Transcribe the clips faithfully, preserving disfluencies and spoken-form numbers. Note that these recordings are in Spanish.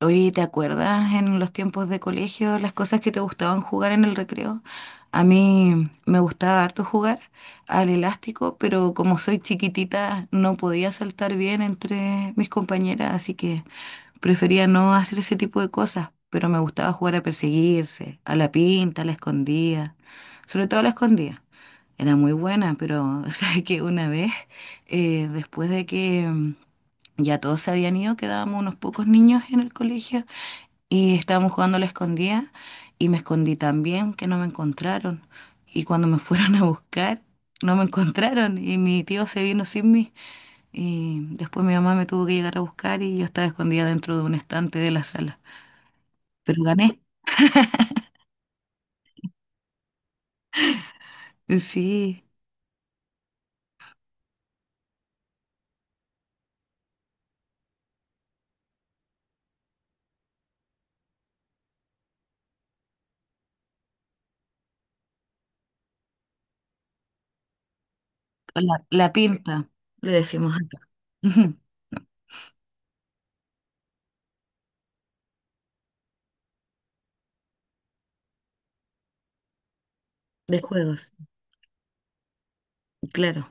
Oye, ¿te acuerdas en los tiempos de colegio las cosas que te gustaban jugar en el recreo? A mí me gustaba harto jugar al elástico, pero como soy chiquitita no podía saltar bien entre mis compañeras, así que prefería no hacer ese tipo de cosas, pero me gustaba jugar a perseguirse, a la pinta, a la escondida, sobre todo a la escondida. Era muy buena, pero sabes que una vez, eh, después de que mm, ya todos se habían ido, quedábamos unos pocos niños en el colegio y estábamos jugando a la escondida y me escondí también, que no me encontraron. Y cuando me fueron a buscar, no me encontraron y mi tío se vino sin mí. Y después mi mamá me tuvo que llegar a buscar y yo estaba escondida dentro de un estante de la sala. Pero gané, sí, con la, la pinta, le decimos acá, ujú, de juegos, claro,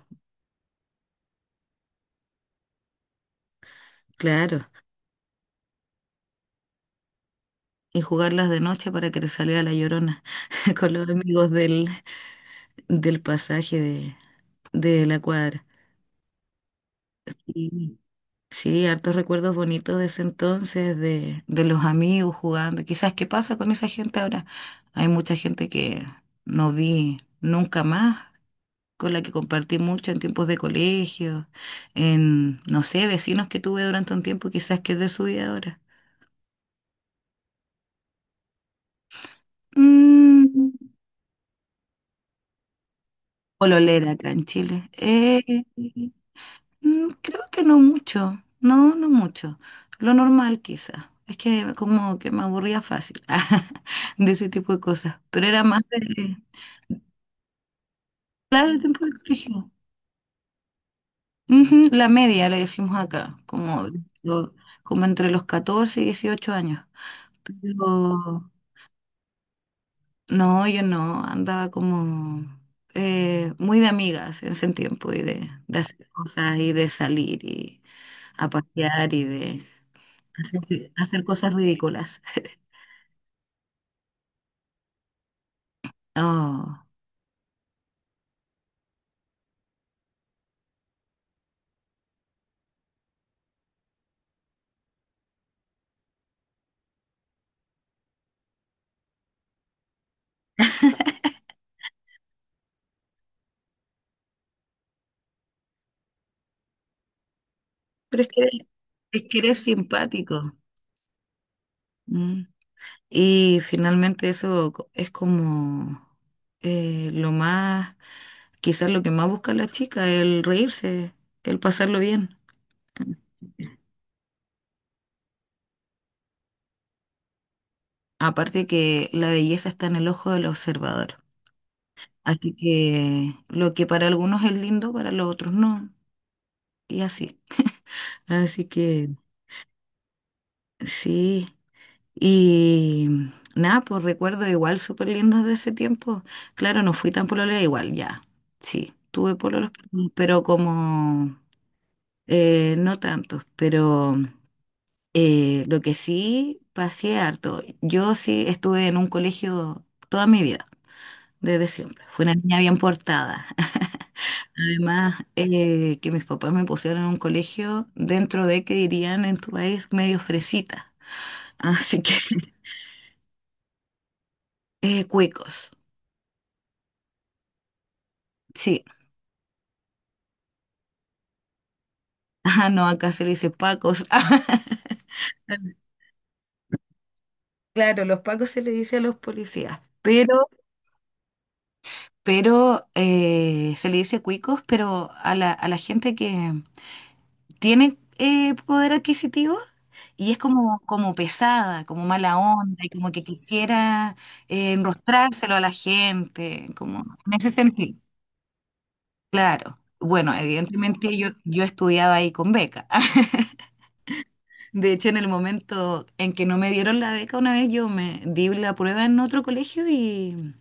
claro. Y jugarlas de noche para que te saliera la llorona con los amigos del, del pasaje de, de la cuadra. Y sí, hartos recuerdos bonitos de ese entonces, de, de los amigos jugando. Quizás, ¿qué pasa con esa gente ahora? Hay mucha gente que no vi nunca más, con la que compartí mucho en tiempos de colegio, en, no sé, vecinos que tuve durante un tiempo, quizás que es de su vida ahora. Mm, pololera acá en Chile. Eh, Mm, Creo que no mucho, no, no mucho. Lo normal quizá. Es que como que me aburría fácil de ese tipo de cosas. Pero era más de, claro, el tiempo de colegio. Ujú, la media le decimos acá, como, lo- como entre los catorce y dieciocho años. Pero no, yo no, andaba como eh, muy de amigas en ese tiempo y de, de hacer cosas y de salir y a pasear y de hacer, hacer cosas ridículas. Oh, pero es que eres, es que eres simpático. Mm. Y finalmente eso co- es como eh, lo más, quizás lo que más busca la chica, el reírse, el pasarlo bien. Aparte que la belleza está en el ojo del observador. Así que lo que para algunos es lindo, para los otros no. Y así. Así que sí. Y nada, pues recuerdo igual súper lindos de ese tiempo. Claro, no fui tan pololera, igual ya. Sí, tuve pololos, pero como eh, no tantos. Pero eh, lo que sí pasé harto. Yo sí estuve en un colegio toda mi vida, desde siempre. Fui una niña bien portada. Además, eh, que mis papás me pusieron en un colegio dentro de, que dirían en tu país, medio fresita. Así que, eh, cuecos. Sí, ah, no, acá se le dice pacos. Claro, los pacos se le dice a los policías, pero, pero eh, se le dice cuicos, pero a la, a la gente que tiene eh, poder adquisitivo y es como, como pesada, como mala onda y como que quisiera eh, enrostrárselo a la gente, como en ese sentido, claro. Bueno, evidentemente yo, yo estudiaba ahí con beca. De hecho, en el momento en que no me dieron la beca una vez, yo me di la prueba en otro colegio y,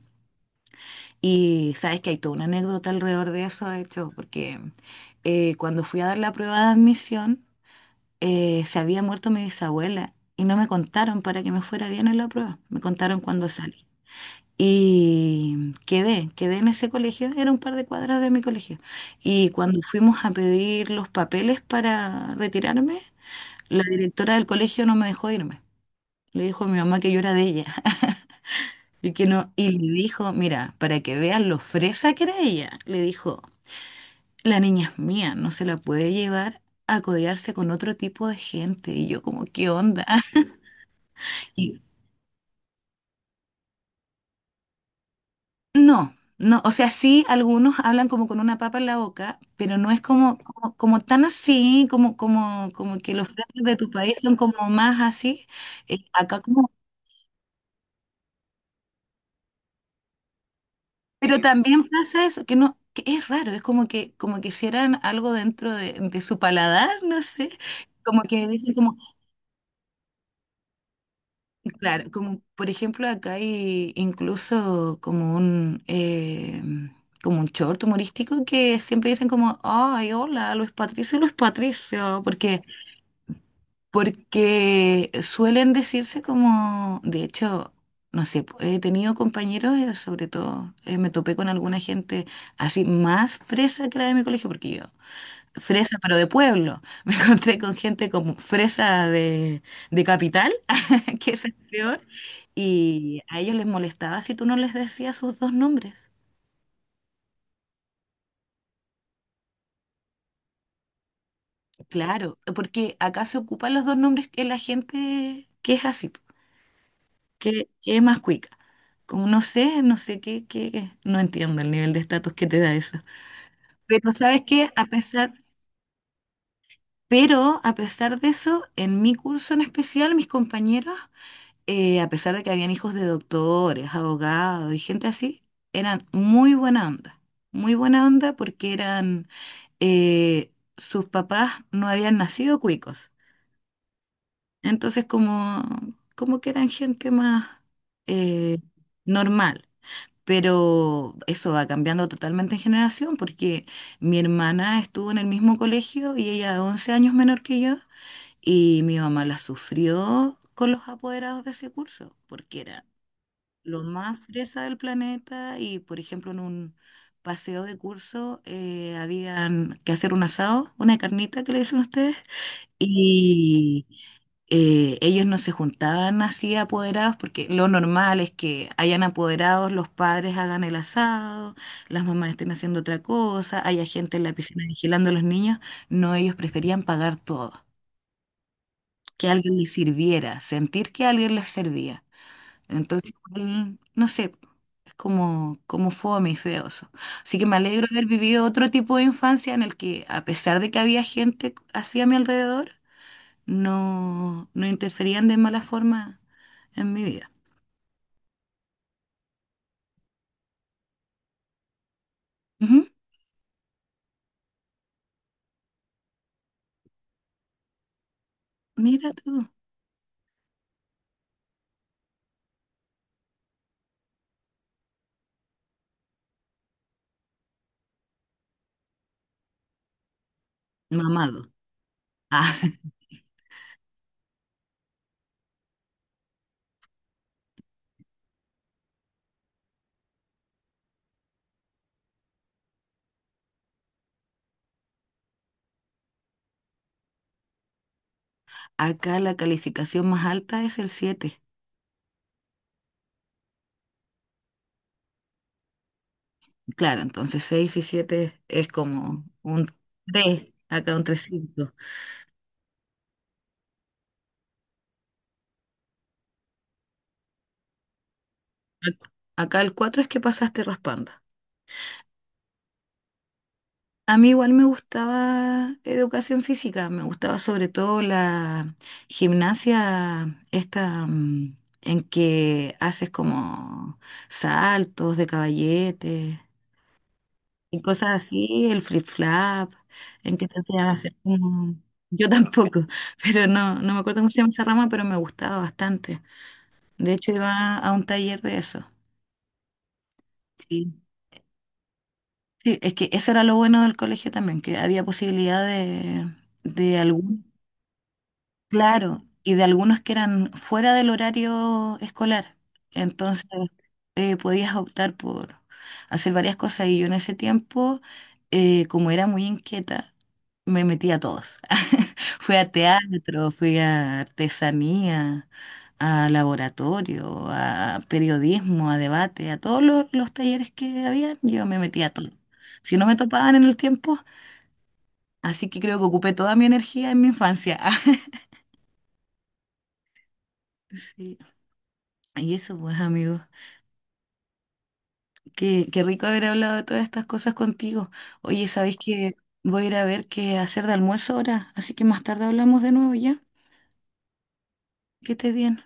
y sabes que hay toda una anécdota alrededor de eso, de hecho, porque eh, cuando fui a dar la prueba de admisión, eh, se había muerto mi bisabuela y no me contaron para que me fuera bien en la prueba, me contaron cuando salí. Y quedé, quedé en ese colegio, era un par de cuadras de mi colegio. Y cuando fuimos a pedir los papeles para retirarme, la directora del colegio no me dejó irme. Le dijo a mi mamá que yo era de ella. Y que no, y le dijo, mira, para que vean lo fresa que era ella, le dijo, la niña es mía, no se la puede llevar a codearse con otro tipo de gente. Y yo como, ¿qué onda? Y no, no, o sea, sí, algunos hablan como con una papa en la boca, pero no es como, como, como tan así, como, como, como que los frases de tu país son como más así. Eh, acá como Pero también pasa eso, que no, que es raro, es como que, como que, hicieran algo dentro de, de su paladar, no sé. Como que dicen como, claro, como por ejemplo acá hay incluso como un eh, como un short humorístico que siempre dicen como, ay, hola, Luis Patricio, Luis Patricio, porque Porque suelen decirse como, de hecho, no sé, po- he tenido compañeros, eh, sobre todo, eh, me topé con alguna gente así más fresa que la de mi colegio, porque yo, fresa pero de pueblo, me encontré con gente como fresa de, de capital, que esa es peor, y a ellos les molestaba si tú no les decías sus dos nombres. Claro, porque acá se ocupan los dos nombres que la gente que es así. ¿Qué, qué es más cuica? Como no sé, no sé qué, qué, qué. No entiendo el nivel de estatus que te da eso. Pero sabes qué, a pesar, pero a pesar de eso, en mi curso en especial, mis compañeros, eh, a pesar de que habían hijos de doctores, abogados y gente así, eran muy buena onda. Muy buena onda porque eran, eh, sus papás no habían nacido cuicos. Entonces como, como que eran gente más eh, normal. Pero eso va cambiando totalmente en generación porque mi hermana estuvo en el mismo colegio y ella es once años menor que yo y mi mamá la sufrió con los apoderados de ese curso porque era lo más fresa del planeta y por ejemplo en un paseo de curso eh, habían que hacer un asado, una carnita que le dicen ustedes. Y eh, ellos no se juntaban así apoderados porque lo normal es que hayan apoderados, los padres hagan el asado, las mamás estén haciendo otra cosa, haya gente en la piscina vigilando a los niños. No, ellos preferían pagar todo, que alguien les sirviera, sentir que alguien les servía. Entonces, igual, no sé, es como, como fome y feo eso. Así que me alegro de haber vivido otro tipo de infancia en el que, a pesar de que había gente así a mi alrededor, no, no interferían de mala forma en mi vida. Ujú, mira tú, mamado. Ah, acá la calificación más alta es el siete. Claro, entonces seis y siete es como un tres acá un tres coma cinco. Ac- Acá el cuatro es que pasaste raspando. A mí igual me gustaba educación física, me gustaba sobre todo la gimnasia esta mm, en que haces como saltos de caballete y cosas así, el flip flap, en que te hacían hacer como... Yo tampoco, pero no, no me acuerdo cómo se llama esa rama, pero me gustaba bastante. De hecho, iba a un taller de eso. Sí, sí, es que eso era lo bueno del colegio también, que había posibilidad de, de algún Claro, y de algunos que eran fuera del horario escolar. Entonces, eh, podías optar por hacer varias cosas. Y yo en ese tiempo, eh, como era muy inquieta, me metí a todos. Fui a teatro, fui a artesanía, a laboratorio, a periodismo, a debate, a todos los, los talleres que había, yo me metí a todo. Si no me topaban en el tiempo, así que creo que ocupé toda mi energía en mi infancia. Sí. Y eso, pues, amigos. Qué, qué rico haber hablado de todas estas cosas contigo. Oye, ¿sabéis que voy a ir a ver qué hacer de almuerzo ahora? Así que más tarde hablamos de nuevo ya. Que estés bien.